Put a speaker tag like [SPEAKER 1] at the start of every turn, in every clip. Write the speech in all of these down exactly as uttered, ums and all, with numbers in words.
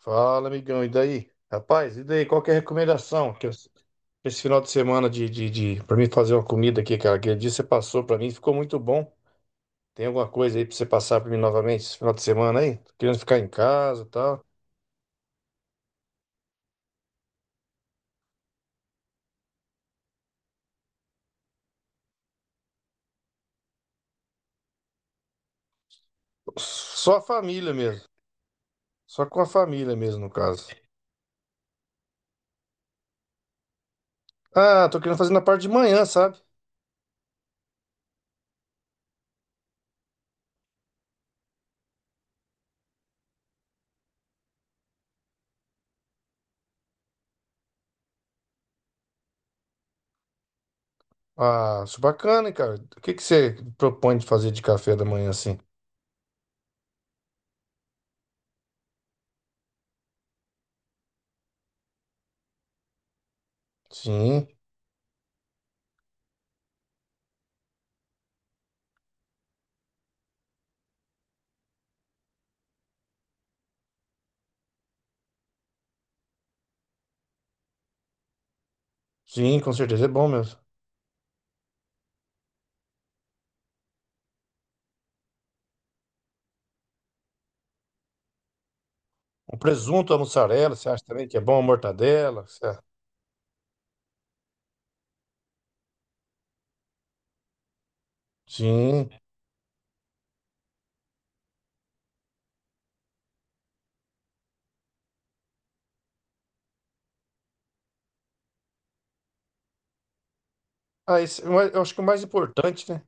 [SPEAKER 1] Fala, amigão, e daí? Rapaz, e daí? Qual que é a recomendação que eu- esse final de semana de, de, de para mim fazer uma comida aqui, cara? Aquele dia você passou pra mim, ficou muito bom. Tem alguma coisa aí pra você passar pra mim novamente esse final de semana aí? Tô querendo ficar em casa, e tal. Só a família mesmo. Só com a família mesmo, no caso. Ah, tô querendo fazer na parte de manhã, sabe? Ah, isso é bacana, hein, cara? O que que você propõe de fazer de café da manhã assim? Sim, sim, com certeza é bom mesmo. O presunto, a mussarela, você acha também que é bom a mortadela? Você acha? Sim. Ah, esse, mas eu acho que o mais importante, né?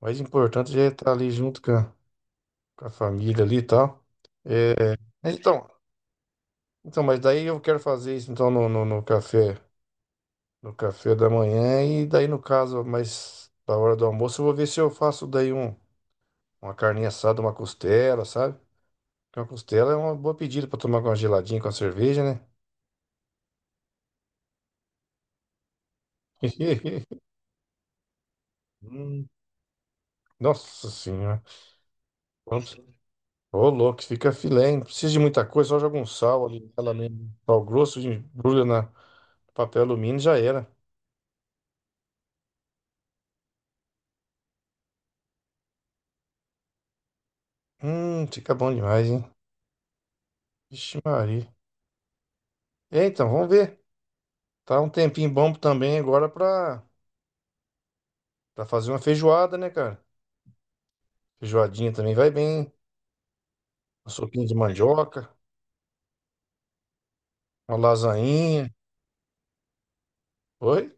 [SPEAKER 1] O mais importante já é estar ali junto com a, com a família ali e tal. É, mas então, então, mas daí eu quero fazer isso então no, no, no café, no café da manhã e daí no caso, mas da hora do almoço eu vou ver se eu faço daí um, uma carninha assada, uma costela, sabe? Porque uma costela é uma boa pedida para tomar com uma geladinha, com a cerveja, né? Hum, nossa senhora. Vamos- Ô, louco, fica filé, hein? Não precisa de muita coisa, só joga um sal ali, ela mesmo, sal grosso, embrulha na papel alumínio, e já era. Hum, fica bom demais, hein? Vixe Maria. É, então, vamos ver. Tá um tempinho bom também agora pra, pra fazer uma feijoada, né, cara? Feijoadinha também vai bem. Uma sopinha de mandioca, uma lasainha. Oi?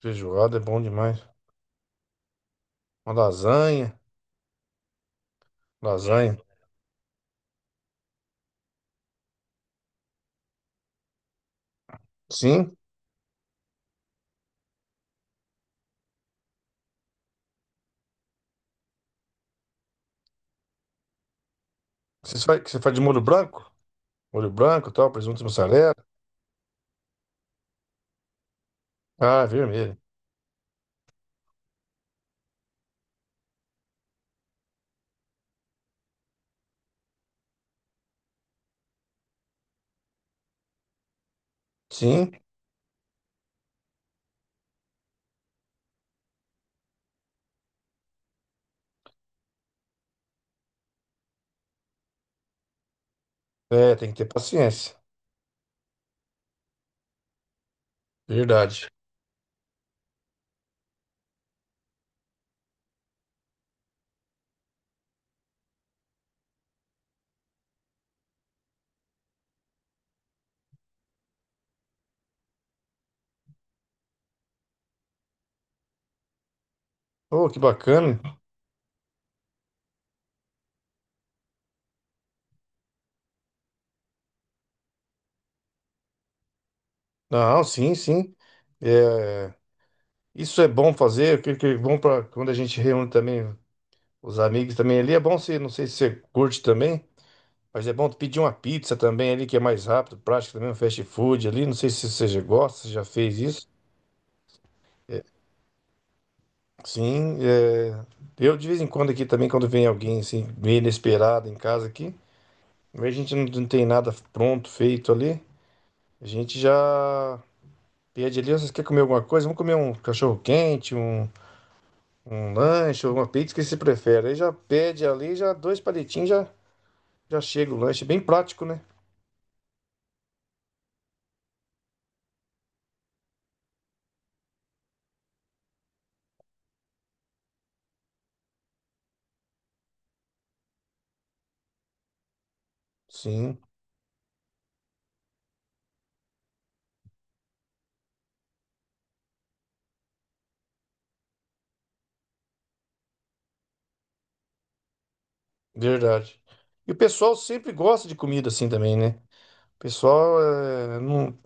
[SPEAKER 1] Feijoada é bom demais. Uma lasanha, lasanha. Sim? Você faz, você faz de molho branco? Molho branco, tal, presunto e mussarela. Ah, vermelho. Sim. É, tem que ter paciência. Verdade. Oh, que bacana. Não, sim, sim. É, isso é bom fazer, que, que é bom para quando a gente reúne também os amigos também ali. É bom se, não sei se você curte também, mas é bom pedir uma pizza também ali, que é mais rápido, prático também, um fast food ali. Não sei se você já gosta, se já fez isso. É, sim, é, eu de vez em quando aqui também, quando vem alguém assim, meio inesperado em casa aqui, a gente não não tem nada pronto, feito ali. A gente já. Dia de Deus, vocês querem comer alguma coisa? Vamos comer um cachorro quente, um, um lanche, uma pizza, o que você prefere. Aí já pede ali, já dois palitinhos, já, já chega o lanche. Bem prático, né? Sim, verdade. E o pessoal sempre gosta de comida assim também, né? O pessoal é, não,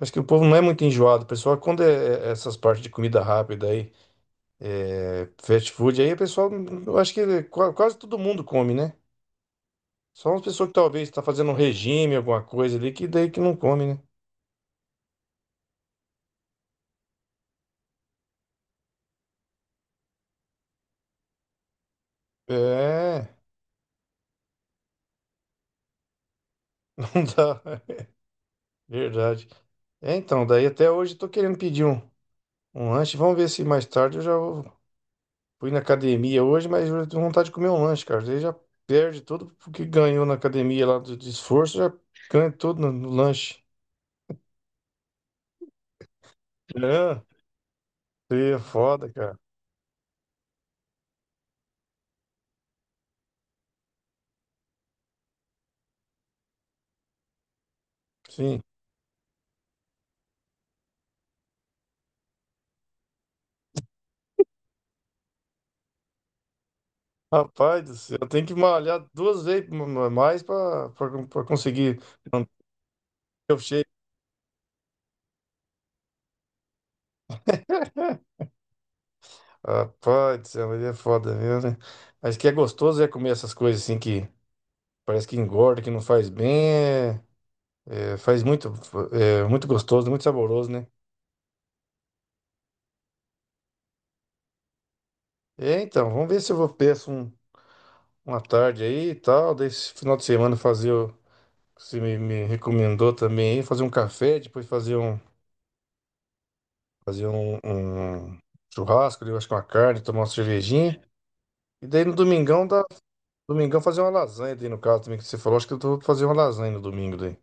[SPEAKER 1] acho que o povo não é muito enjoado. O pessoal, quando é é é essas partes de comida rápida aí, é fast food, aí o pessoal, eu acho que qua- quase todo mundo come, né? Só umas pessoas que talvez está fazendo um regime, alguma coisa ali, que daí que não come, né? É. Tá, verdade. É, então, daí até hoje eu tô querendo pedir um, um lanche. Vamos ver se mais tarde eu já vou- fui na academia hoje, mas eu tenho vontade de comer um lanche, cara. Daí já perde tudo o que ganhou na academia lá do, de esforço, já ganha tudo no, no lanche. É, é foda, cara. Sim. Rapaz do céu, eu tenho que malhar duas vezes ma- ma- mais pra, pra, pra conseguir manter o shape. Rapaz do céu, mas é foda mesmo, né? Mas que é gostoso é comer essas coisas assim que. Parece que engorda, que não faz bem. É, é, faz muito, é, muito gostoso, muito saboroso, né? É, então, vamos ver se eu vou peço um, uma tarde aí e tal. Daí, esse final de semana, fazer o que você me, me recomendou também aí, fazer um café, depois fazer um, fazer um, um churrasco, eu acho que uma carne, tomar uma cervejinha. E daí no domingão, dá, domingão fazer uma lasanha daí no caso também que você falou. Acho que eu vou fazer uma lasanha no domingo daí.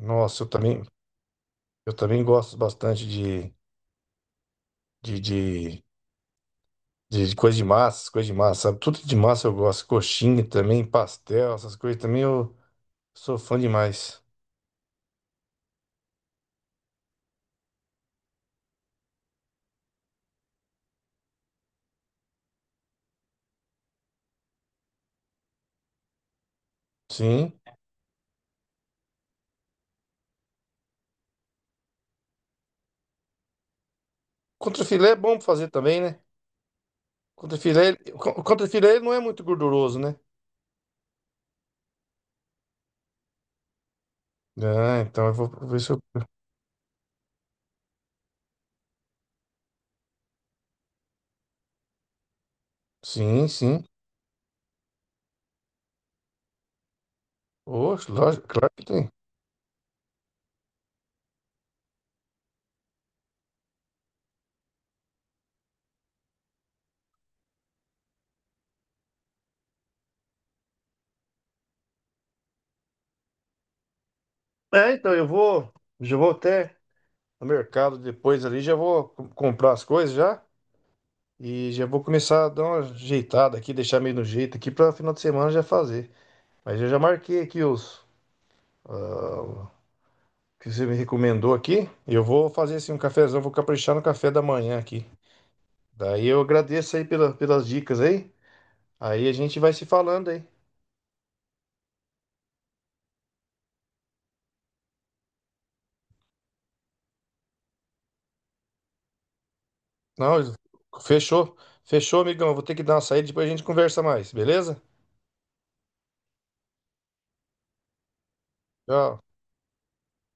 [SPEAKER 1] Nossa, eu também, eu também gosto bastante de, de, de De, de coisa de massa, essas coisas de massa, sabe? Tudo de massa eu gosto. Coxinha também, pastel, essas coisas também eu sou fã demais. Sim. Contrafilé é bom pra fazer também, né? Contrafilé, ele- o contrafilé ele não é muito gorduroso, né? Ah, então eu vou ver se eu. Sim, sim. Oxe, lógico, claro que tem. É, então eu vou. Já vou até no mercado depois ali, já vou co- comprar as coisas já. E já vou começar a dar uma ajeitada aqui, deixar meio no jeito aqui pra final de semana já fazer. Mas eu já marquei aqui os. Ah, que você me recomendou aqui. E eu vou fazer assim um cafezão, vou caprichar no café da manhã aqui. Daí eu agradeço aí pela, pelas dicas aí. Aí a gente vai se falando aí. Não, fechou. Fechou, amigão. Eu vou ter que dar uma saída, depois a gente conversa mais, beleza? Tchau.